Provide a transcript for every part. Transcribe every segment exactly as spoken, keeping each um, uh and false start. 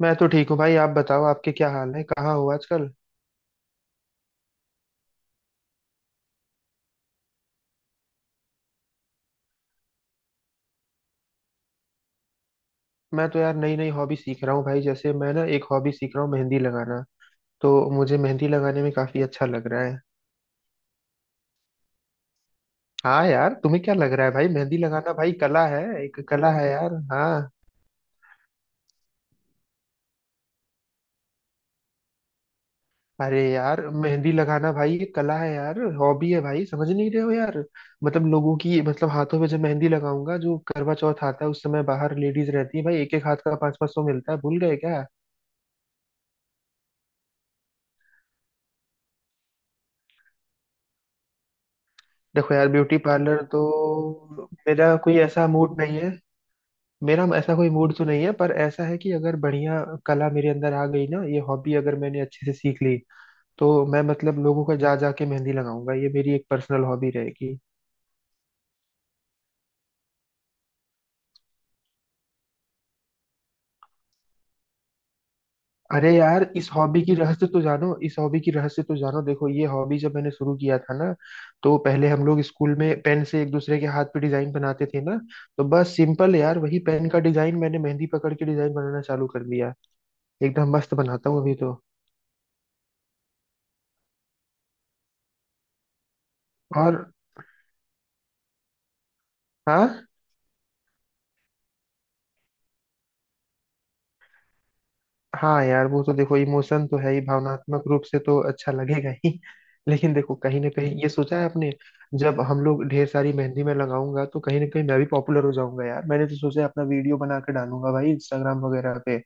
मैं तो ठीक हूँ भाई। आप बताओ, आपके क्या हाल है, कहाँ हो आजकल? मैं तो यार नई नई हॉबी सीख रहा हूँ भाई। जैसे मैं ना एक हॉबी सीख रहा हूँ, मेहंदी लगाना। तो मुझे मेहंदी लगाने में काफी अच्छा लग रहा है। हाँ यार, तुम्हें क्या लग रहा है भाई? मेहंदी लगाना भाई कला है, एक कला है यार, हाँ। अरे यार, मेहंदी लगाना भाई ये कला है यार, हॉबी है भाई, समझ नहीं रहे हो यार। मतलब लोगों की, मतलब हाथों पे जब मेहंदी लगाऊंगा, जो करवा चौथ आता है उस समय बाहर लेडीज रहती है भाई, एक एक हाथ का पाँच पाँच सौ मिलता है, भूल गए क्या? देखो यार, ब्यूटी पार्लर तो मेरा कोई ऐसा मूड नहीं है। मेरा ऐसा कोई मूड तो नहीं है, पर ऐसा है कि अगर बढ़िया कला मेरे अंदर आ गई ना, ये हॉबी अगर मैंने अच्छे से सीख ली, तो मैं मतलब लोगों का जा जा के मेहंदी लगाऊंगा, ये मेरी एक पर्सनल हॉबी रहेगी। अरे यार, इस हॉबी की रहस्य तो जानो, इस हॉबी की रहस्य तो जानो। देखो, ये हॉबी जब मैंने शुरू किया था ना, तो पहले हम लोग स्कूल में पेन से एक दूसरे के हाथ पे डिजाइन बनाते थे ना, तो बस सिंपल यार, वही पेन का डिजाइन मैंने मेहंदी पकड़ के डिजाइन बनाना चालू कर दिया। एकदम मस्त बनाता हूँ अभी तो। और हाँ। हाँ यार, वो तो देखो इमोशन तो है ही, भावनात्मक रूप से तो अच्छा लगेगा ही लेकिन देखो, कहीं ना कहीं ये सोचा है आपने? जब हम लोग ढेर सारी मेहंदी में लगाऊंगा, तो कहीं ना कहीं मैं भी पॉपुलर हो जाऊंगा यार, मैंने तो सोचा है अपना वीडियो बना के डालूंगा भाई इंस्टाग्राम वगैरह पे।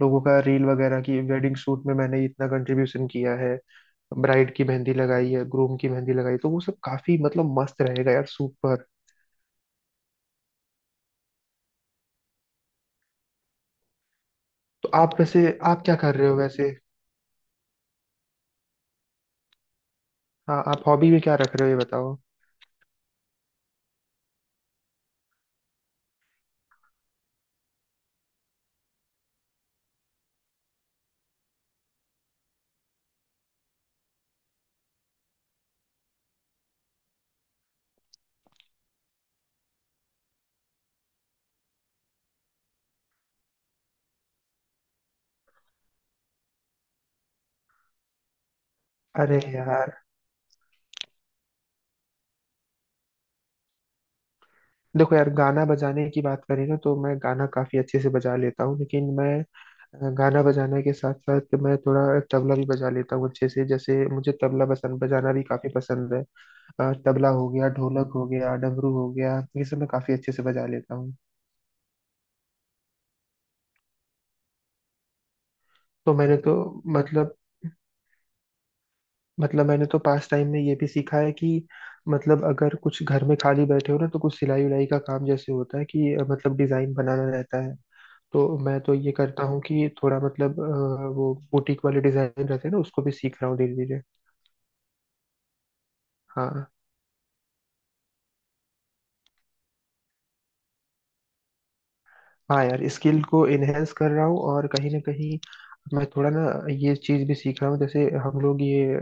लोगों का रील वगैरह की वेडिंग शूट में मैंने इतना कंट्रीब्यूशन किया है, ब्राइड की मेहंदी लगाई है, ग्रूम की मेहंदी लगाई, तो वो सब काफी मतलब मस्त रहेगा यार, सुपर। तो आप वैसे, आप क्या कर रहे हो वैसे? हाँ, आप हॉबी में क्या रख रहे हो ये बताओ। अरे यार, देखो यार, गाना बजाने की बात करें ना, तो मैं गाना काफी अच्छे से बजा लेता हूँ, लेकिन मैं अ, गाना बजाने के साथ साथ मैं थोड़ा तबला भी बजा लेता हूँ अच्छे से। जैसे मुझे तबला पसंद, बजाना भी काफी पसंद है। अ, तबला हो गया, ढोलक हो गया, डमरू हो गया, ये सब मैं काफी अच्छे से बजा लेता हूँ। तो मैंने तो मतलब मतलब मैंने तो पास टाइम में ये भी सीखा है कि मतलब, अगर कुछ घर में खाली बैठे हो ना, तो कुछ सिलाई उलाई का काम जैसे होता है कि अ, मतलब डिजाइन बनाना रहता है। तो मैं तो ये करता हूँ कि थोड़ा मतलब अ, वो बुटीक वाले डिजाइन रहते हैं ना, उसको भी सीख रहा हूँ धीरे धीरे। हाँ। हाँ यार, स्किल को इनहेंस कर रहा हूँ, और कहीं ना कहीं मैं थोड़ा ना ये चीज भी सीख रहा हूँ, जैसे हम लोग ये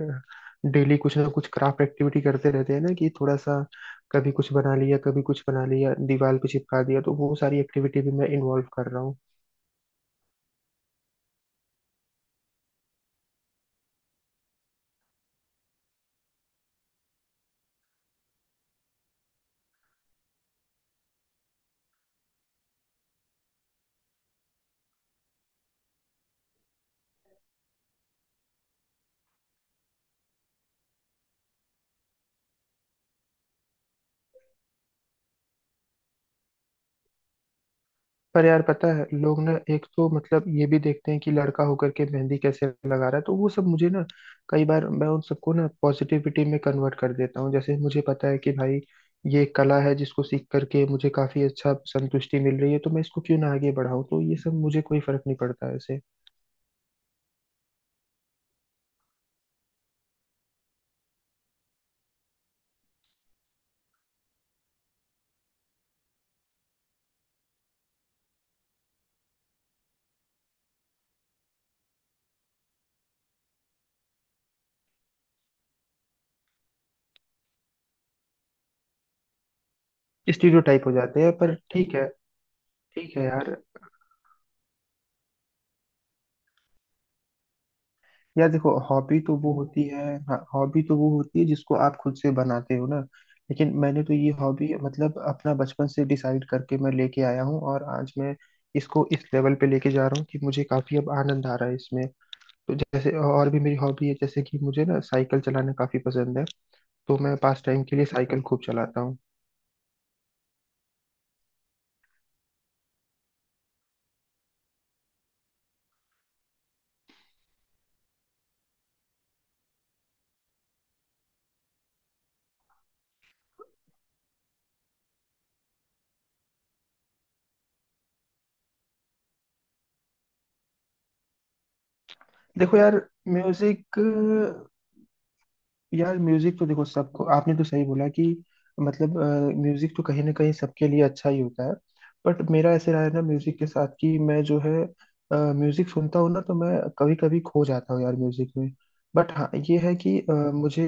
डेली कुछ ना कुछ क्राफ्ट एक्टिविटी करते रहते हैं ना, कि थोड़ा सा कभी कुछ बना लिया कभी कुछ बना लिया दीवार पे चिपका दिया, तो वो सारी एक्टिविटी भी मैं इन्वॉल्व कर रहा हूँ। पर यार, पता है लोग ना एक तो मतलब ये भी देखते हैं कि लड़का होकर के मेहंदी कैसे लगा रहा है, तो वो सब मुझे ना कई बार मैं उन सबको ना पॉजिटिविटी में कन्वर्ट कर देता हूँ। जैसे मुझे पता है कि भाई ये कला है, जिसको सीख करके मुझे काफी अच्छा संतुष्टि मिल रही है, तो मैं इसको क्यों ना आगे बढ़ाऊँ, तो ये सब मुझे कोई फर्क नहीं पड़ता, ऐसे स्टीरियोटाइप हो जाते हैं पर ठीक है। ठीक है यार यार देखो, हॉबी तो वो होती है, हाँ, हॉबी तो वो होती है जिसको आप खुद से बनाते हो ना। लेकिन मैंने तो ये हॉबी मतलब अपना बचपन से डिसाइड करके मैं लेके आया हूँ, और आज मैं इसको इस लेवल पे लेके जा रहा हूँ कि मुझे काफी अब आनंद आ रहा है इसमें। तो जैसे और भी मेरी हॉबी है, जैसे कि मुझे ना साइकिल चलाना काफी पसंद है, तो मैं पास टाइम के लिए साइकिल खूब चलाता हूँ। देखो यार, म्यूजिक, यार म्यूजिक तो देखो सबको, आपने तो सही बोला कि मतलब म्यूजिक तो कहीं ना कहीं सबके लिए अच्छा ही होता है। बट मेरा ऐसे रहा है ना म्यूजिक के साथ, कि मैं जो है म्यूजिक सुनता हूँ ना, तो मैं कभी कभी खो जाता हूँ यार म्यूजिक में। बट हाँ, ये है कि अ, मुझे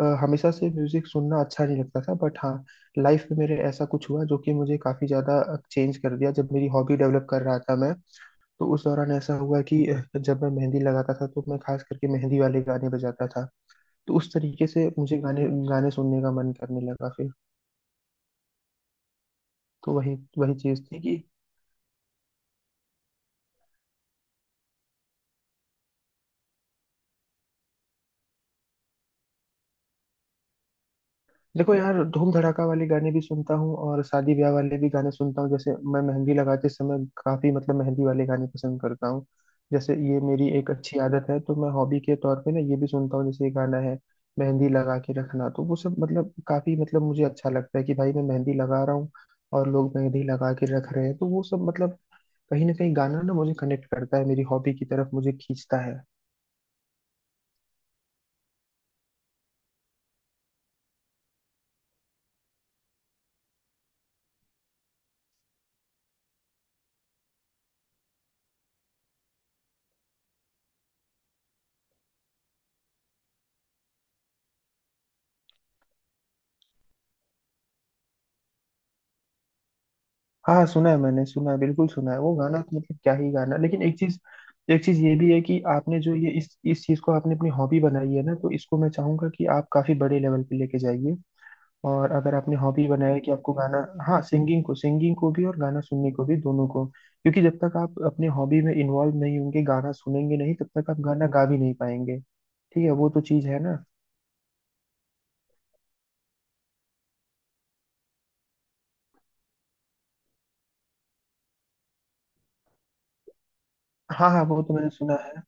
अ, हमेशा से म्यूजिक सुनना अच्छा नहीं लगता था, बट हाँ, लाइफ में मेरे ऐसा कुछ हुआ जो कि मुझे काफी ज्यादा चेंज कर दिया, जब मेरी हॉबी डेवलप कर रहा था मैं। तो उस दौरान ऐसा हुआ कि अ, जब मैं मेहंदी लगाता था, तो मैं खास करके मेहंदी वाले गाने बजाता था। तो उस तरीके से मुझे गाने गाने सुनने का मन करने लगा फिर। तो वही वही चीज थी कि देखो यार, धूम धड़ाका वाले गाने भी सुनता हूँ और शादी ब्याह वाले भी गाने सुनता हूँ। जैसे मैं मेहंदी लगाते समय काफी मतलब मेहंदी वाले गाने पसंद करता हूँ, जैसे ये मेरी एक अच्छी आदत है, तो मैं हॉबी के तौर पे ना ये भी सुनता हूँ, जैसे ये गाना है, मेहंदी लगा के रखना, तो वो सब मतलब काफी मतलब मुझे अच्छा लगता है कि भाई मैं मेहंदी लगा रहा हूँ, और लोग मेहंदी लगा के रख रहे हैं, तो वो सब मतलब कहीं ना कहीं गाना ना मुझे कनेक्ट करता है मेरी हॉबी की तरफ, मुझे खींचता है। हाँ सुना है, मैंने सुना है, बिल्कुल सुना है वो गाना, तो मतलब क्या ही गाना। लेकिन एक चीज एक चीज ये भी है कि आपने जो ये इस इस चीज को आपने अपनी हॉबी बनाई है ना, तो इसको मैं चाहूंगा कि आप काफी बड़े लेवल पे लेके जाइए, और अगर आपने हॉबी बनाया है कि आपको गाना, हाँ, सिंगिंग को सिंगिंग को भी और गाना सुनने को भी, दोनों को, क्योंकि जब तक आप अपने हॉबी में इन्वॉल्व नहीं होंगे, गाना सुनेंगे नहीं, तब तक आप गाना गा भी नहीं पाएंगे, ठीक है, वो तो चीज है ना। हाँ हाँ, वो तो मैंने सुना है।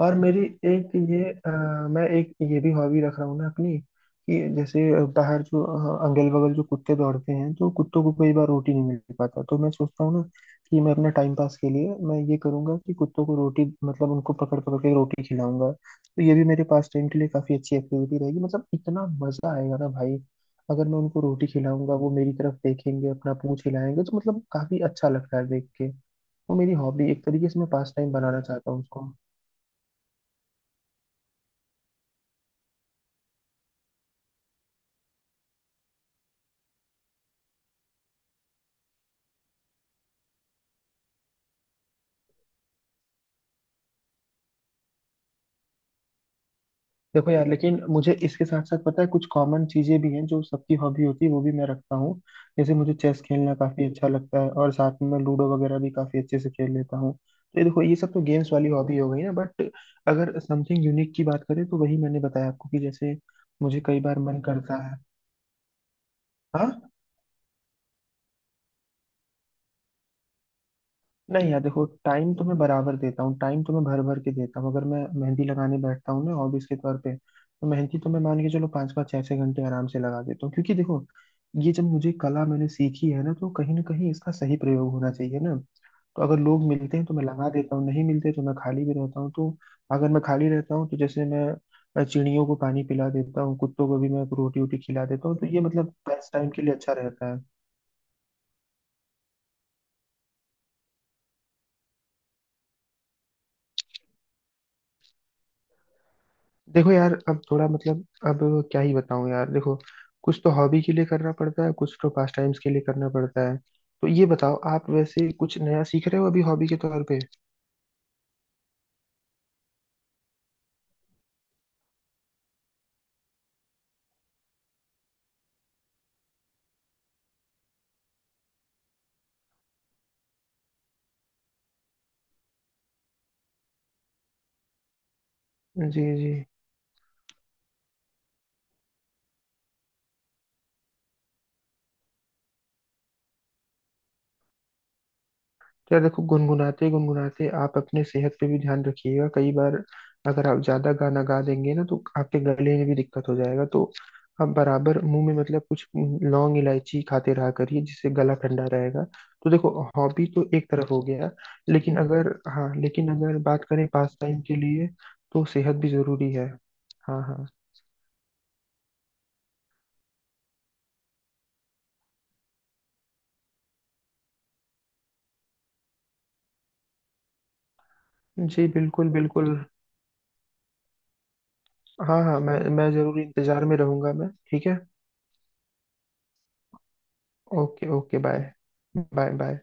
और मेरी एक ये अ, मैं एक ये भी हॉबी रख रहा हूँ ना अपनी, कि जैसे बाहर जो अ, अगल बगल जो कुत्ते दौड़ते हैं, तो कुत्तों को कई बार रोटी नहीं मिल पाता, तो मैं सोचता हूँ ना कि मैं अपना टाइम पास के लिए मैं ये करूंगा कि कुत्तों को रोटी, मतलब उनको पकड़ पकड़ के रोटी खिलाऊंगा, तो ये भी मेरे पास टाइम के लिए काफी अच्छी एक्टिविटी रहेगी। मतलब इतना मजा आएगा ना भाई, अगर मैं उनको रोटी खिलाऊंगा, वो मेरी तरफ देखेंगे, अपना पूंछ हिलाएंगे, तो मतलब काफी अच्छा लगता है देख के, वो मेरी हॉबी एक तरीके से मैं पास टाइम बनाना चाहता हूँ उसको। देखो यार, लेकिन मुझे इसके साथ साथ पता है कुछ कॉमन चीजें भी हैं जो सबकी हॉबी होती है, वो भी मैं रखता हूँ। जैसे मुझे चेस खेलना काफी अच्छा लगता है, और साथ में मैं लूडो वगैरह भी काफी अच्छे से खेल लेता हूँ, तो ये देखो ये सब तो गेम्स वाली हॉबी हो गई ना, बट अगर समथिंग यूनिक की बात करें, तो वही मैंने बताया आपको कि जैसे मुझे कई बार मन करता है। हाँ। नहीं यार, देखो टाइम तो मैं बराबर देता हूँ, टाइम तो मैं भर भर के देता हूँ। अगर मैं मेहंदी लगाने बैठता हूँ ना हॉबीज के तौर पे, तो मेहंदी तो मैं मान के चलो पाँच पाँच छः छः घंटे आराम से लगा देता हूँ, क्योंकि देखो ये जब मुझे कला मैंने सीखी है ना, तो कहीं ना कहीं इसका सही प्रयोग होना चाहिए ना, तो अगर लोग मिलते हैं तो मैं लगा देता हूँ, नहीं मिलते तो मैं खाली भी रहता हूँ। तो अगर मैं खाली रहता हूँ, तो जैसे मैं चिड़ियों को पानी पिला देता हूँ, कुत्तों को भी मैं रोटी वोटी खिला देता हूँ, तो ये मतलब पास टाइम के लिए अच्छा रहता है। देखो यार, अब थोड़ा मतलब अब क्या ही बताऊं यार, देखो कुछ तो हॉबी के लिए करना पड़ता है, कुछ तो पास टाइम्स के लिए करना पड़ता है। तो ये बताओ, आप वैसे कुछ नया सीख रहे हो अभी हॉबी के तौर पे? जी जी। यार देखो, गुनगुनाते गुनगुनाते आप अपने सेहत पे भी ध्यान रखिएगा, कई बार अगर आप ज्यादा गाना गा देंगे ना, तो आपके गले में भी दिक्कत हो जाएगा, तो आप बराबर मुंह में मतलब कुछ लौंग इलायची खाते रहा करिए, जिससे गला ठंडा रहेगा। तो देखो, हॉबी तो एक तरफ हो गया, लेकिन अगर, हाँ लेकिन अगर बात करें पास टाइम के लिए, तो सेहत भी जरूरी है। हाँ हाँ। जी बिल्कुल बिल्कुल। हाँ हाँ, मैं मैं जरूर इंतजार में रहूंगा मैं, ठीक है। Okay, okay bye. Bye bye.